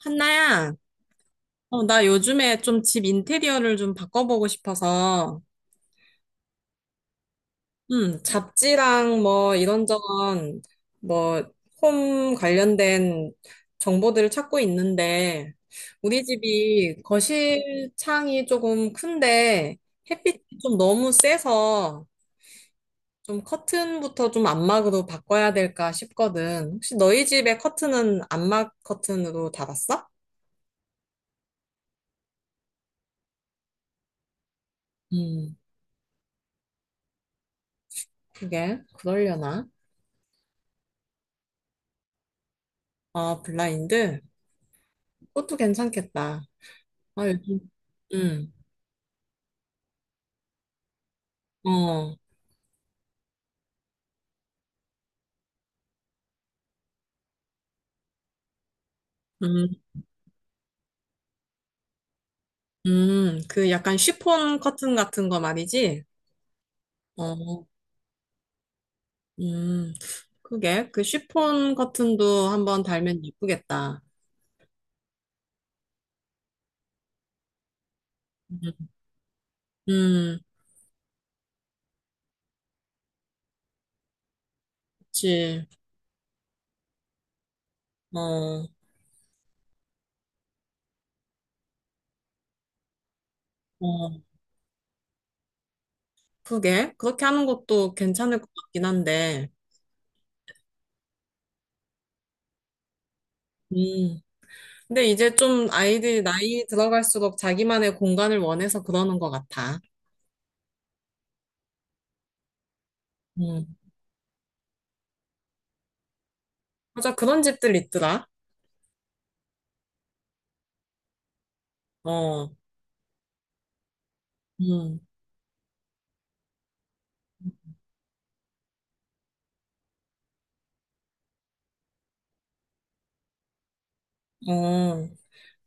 한나야, 나 요즘에 좀 집 인테리어를 좀 바꿔보고 싶어서, 잡지랑 뭐 이런저런 뭐 홈 관련된 정보들을 찾고 있는데, 우리 집이 거실 창이 조금 큰데 햇빛이 좀 너무 세서 좀 커튼부터 좀 안막으로 바꿔야 될까 싶거든. 혹시 너희 집에 커튼은 안막 커튼으로 달았어? 음, 그게 그러려나? 아, 블라인드? 그것도 괜찮겠다. 아, 요즘, 음, 어, 음, 그 약간 쉬폰 커튼 같은 거 말이지? 어, 음, 그게, 그 쉬폰 커튼도 한번 달면 예쁘겠다. 음, 음, 그치. 어, 어, 그게, 그렇게 하는 것도 괜찮을 것 같긴 한데, 음, 근데 이제 좀 아이들이 나이 들어갈수록 자기만의 공간을 원해서 그러는 것 같아. 음, 맞아, 그런 집들 있더라. 어, 음, 어.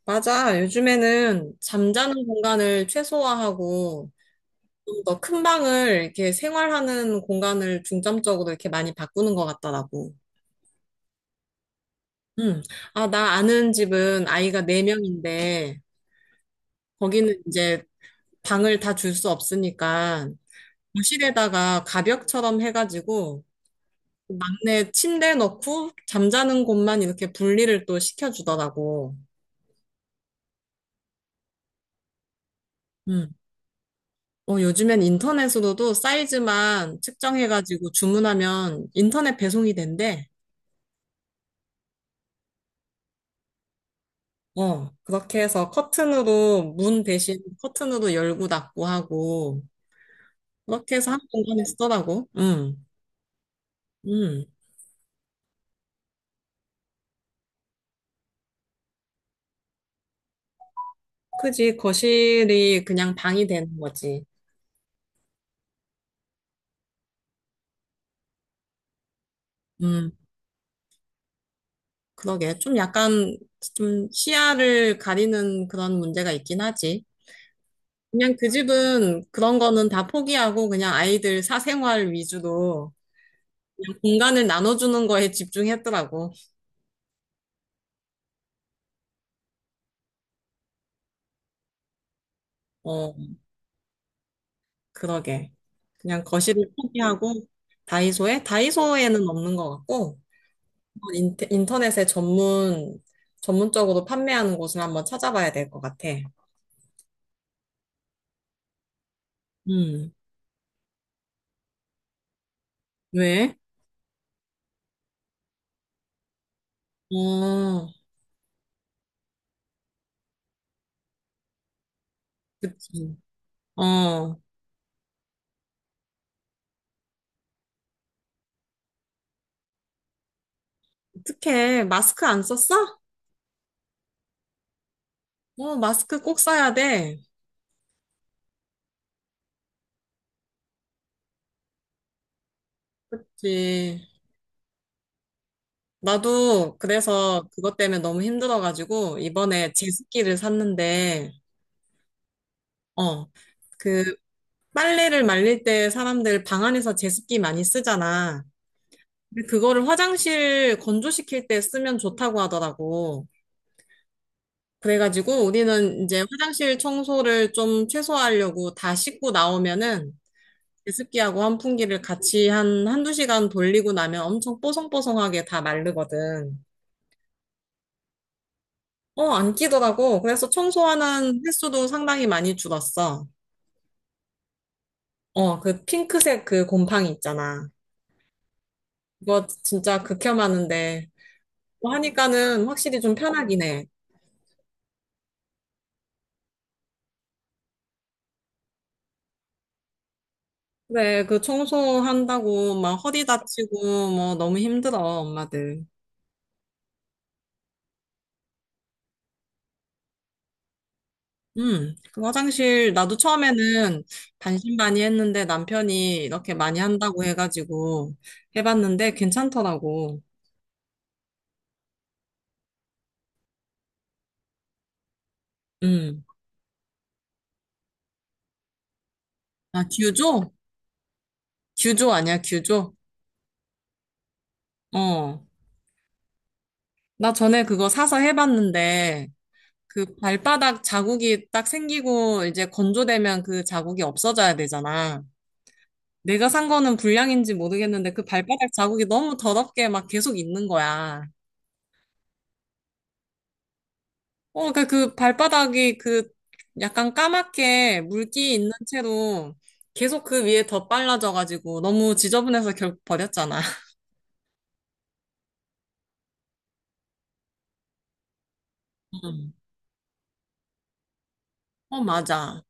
맞아. 요즘에는 잠자는 공간을 최소화하고 좀 더 큰 방을 이렇게 생활하는 공간을 중점적으로 이렇게 많이 바꾸는 것 같더라고. 음. 아, 나 아는 집은 아이가 4명인데 거기는 이제 방을 다 줄 수 없으니까 거실에다가 가벽처럼 해가지고 막내 침대 넣고 잠자는 곳만 이렇게 분리를 또 시켜주더라고. 음. 어, 요즘엔 인터넷으로도 사이즈만 측정해가지고 주문하면 인터넷 배송이 된대. 어, 그렇게 해서 커튼으로, 문 대신 커튼으로 열고 닫고 하고, 그렇게 해서 한 공간에 쓰더라고. 응, 응. 그지, 거실이 그냥 방이 되는 거지. 음 그러게. 좀 약간, 좀 시야를 가리는 그런 문제가 있긴 하지. 그냥 그 집은 그런 거는 다 포기하고 그냥 아이들 사생활 위주로 공간을 나눠주는 거에 집중했더라고. 어, 그러게. 그냥 거실을 포기하고 다이소에는 없는 것 같고 인터넷에 전문적으로 판매하는 곳을 한번 찾아봐야 될 것 같아. 음, 왜? 어, 그치. 어, 어떡해. 마스크 안 썼어? 어, 마스크 꼭 써야 돼. 그치. 나도 그래서 그것 때문에 너무 힘들어가지고 이번에 제습기를 샀는데, 어, 그 빨래를 말릴 때 사람들 방 안에서 제습기 많이 쓰잖아. 근데 그거를 화장실 건조시킬 때 쓰면 좋다고 하더라고. 그래가지고 우리는 이제 화장실 청소를 좀 최소화하려고 다 씻고 나오면은 제습기하고 환풍기를 같이 한 한두 시간 돌리고 나면 엄청 뽀송뽀송하게 다 마르거든. 어, 안 끼더라고. 그래서 청소하는 횟수도 상당히 많이 줄었어. 어, 그 핑크색 그 곰팡이 있잖아. 그거 진짜 극혐하는데 뭐 하니까는 확실히 좀 편하긴 해. 그래, 그 청소한다고 막 허리 다치고 뭐 너무 힘들어, 엄마들. 그 화장실 나도 처음에는 반신반의 했는데 남편이 이렇게 많이 한다고 해가지고 해봤는데 괜찮더라고. 음. 아, 듀조? 듀조 아니야, 듀조? 어. 나 전에 그거 사서 해봤는데 그 발바닥 자국이 딱 생기고 이제 건조되면 그 자국이 없어져야 되잖아. 내가 산 거는 불량인지 모르겠는데 그 발바닥 자국이 너무 더럽게 막 계속 있는 거야. 어, 그 발바닥이 그 약간 까맣게 물기 있는 채로 계속 그 위에 더 빨라져가지고 너무 지저분해서 결국 버렸잖아. 음. 어, 맞아.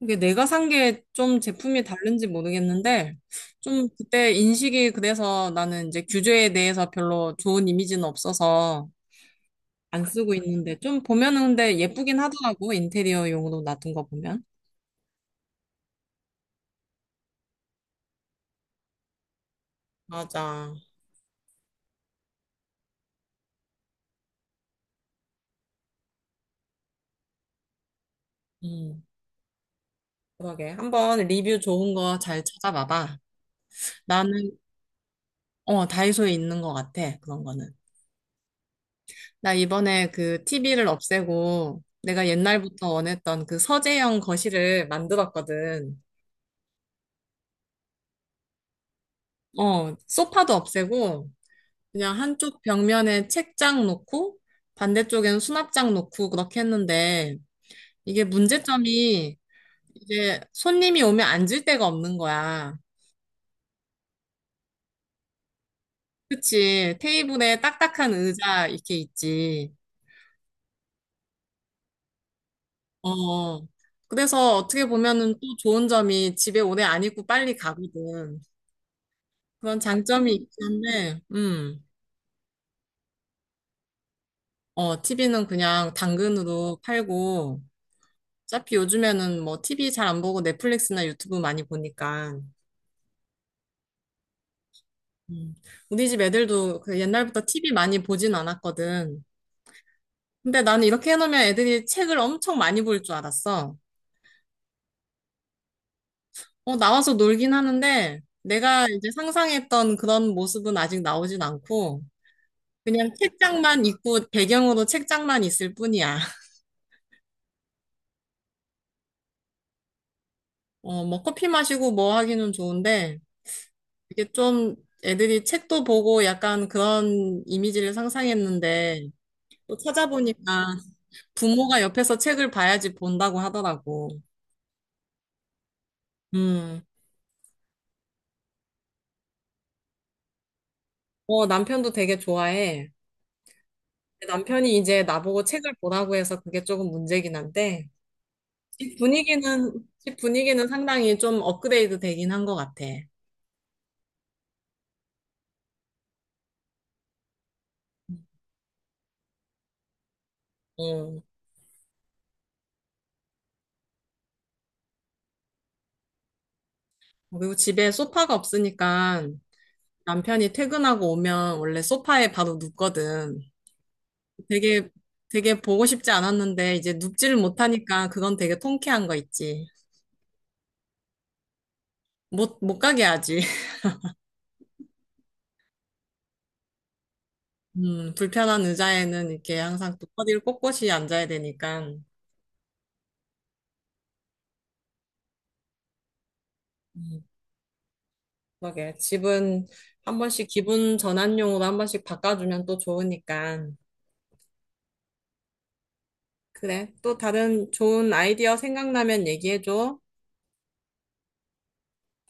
이게 내가 산 게 좀 제품이 다른지 모르겠는데 좀 그때 인식이 그래서 나는 이제 규제에 대해서 별로 좋은 이미지는 없어서 안 쓰고 있는데 좀 보면은 근데 예쁘긴 하더라고 인테리어용으로 놔둔 거 보면. 맞아. 음, 그러게. 한번 리뷰 좋은 거 잘 찾아봐봐. 나는, 어, 다이소에 있는 것 같아. 그런 거는. 나 이번에 그 TV를 없애고 내가 옛날부터 원했던 그 서재형 거실을 만들었거든. 어, 소파도 없애고 그냥 한쪽 벽면에 책장 놓고 반대쪽에는 수납장 놓고 그렇게 했는데 이게 문제점이 이제 손님이 오면 앉을 데가 없는 거야. 그치. 테이블에 딱딱한 의자 이렇게 있지. 어. 그래서 어떻게 보면은 또 좋은 점이 집에 오래 안 있고 빨리 가거든. 그런 장점이 있긴 한데. 어, TV는 그냥 당근으로 팔고, 어차피 요즘에는 뭐 TV 잘 안 보고 넷플릭스나 유튜브 많이 보니까. 음. 우리 집 애들도 그 옛날부터 TV 많이 보진 않았거든. 근데 나는 이렇게 해놓으면 애들이 책을 엄청 많이 볼 줄 알았어. 어, 나와서 놀긴 하는데, 내가 이제 상상했던 그런 모습은 아직 나오진 않고, 그냥 책장만 있고, 배경으로 책장만 있을 뿐이야. 어, 뭐 커피 마시고 뭐 하기는 좋은데, 이게 좀 애들이 책도 보고 약간 그런 이미지를 상상했는데, 또 찾아보니까 부모가 옆에서 책을 봐야지 본다고 하더라고. 음, 어, 남편도 되게 좋아해. 남편이 이제 나보고 책을 보라고 해서 그게 조금 문제긴 한데, 분위기는, 집 분위기는 상당히 좀 업그레이드 되긴 한 것 같아. 어. 그리고 집에 소파가 없으니까 남편이 퇴근하고 오면 원래 소파에 바로 눕거든. 되게, 되게 보고 싶지 않았는데 이제 눕지를 못하니까 그건 되게 통쾌한 거 있지. 못 가게 하지. 불편한 의자에는 이렇게 항상 또 허리를 꼿꼿이 앉아야 되니까. 음, 그러게. 집은 한 번씩 기분 전환용으로 한 번씩 바꿔주면 또 좋으니까. 그래. 또 다른 좋은 아이디어 생각나면 얘기해줘.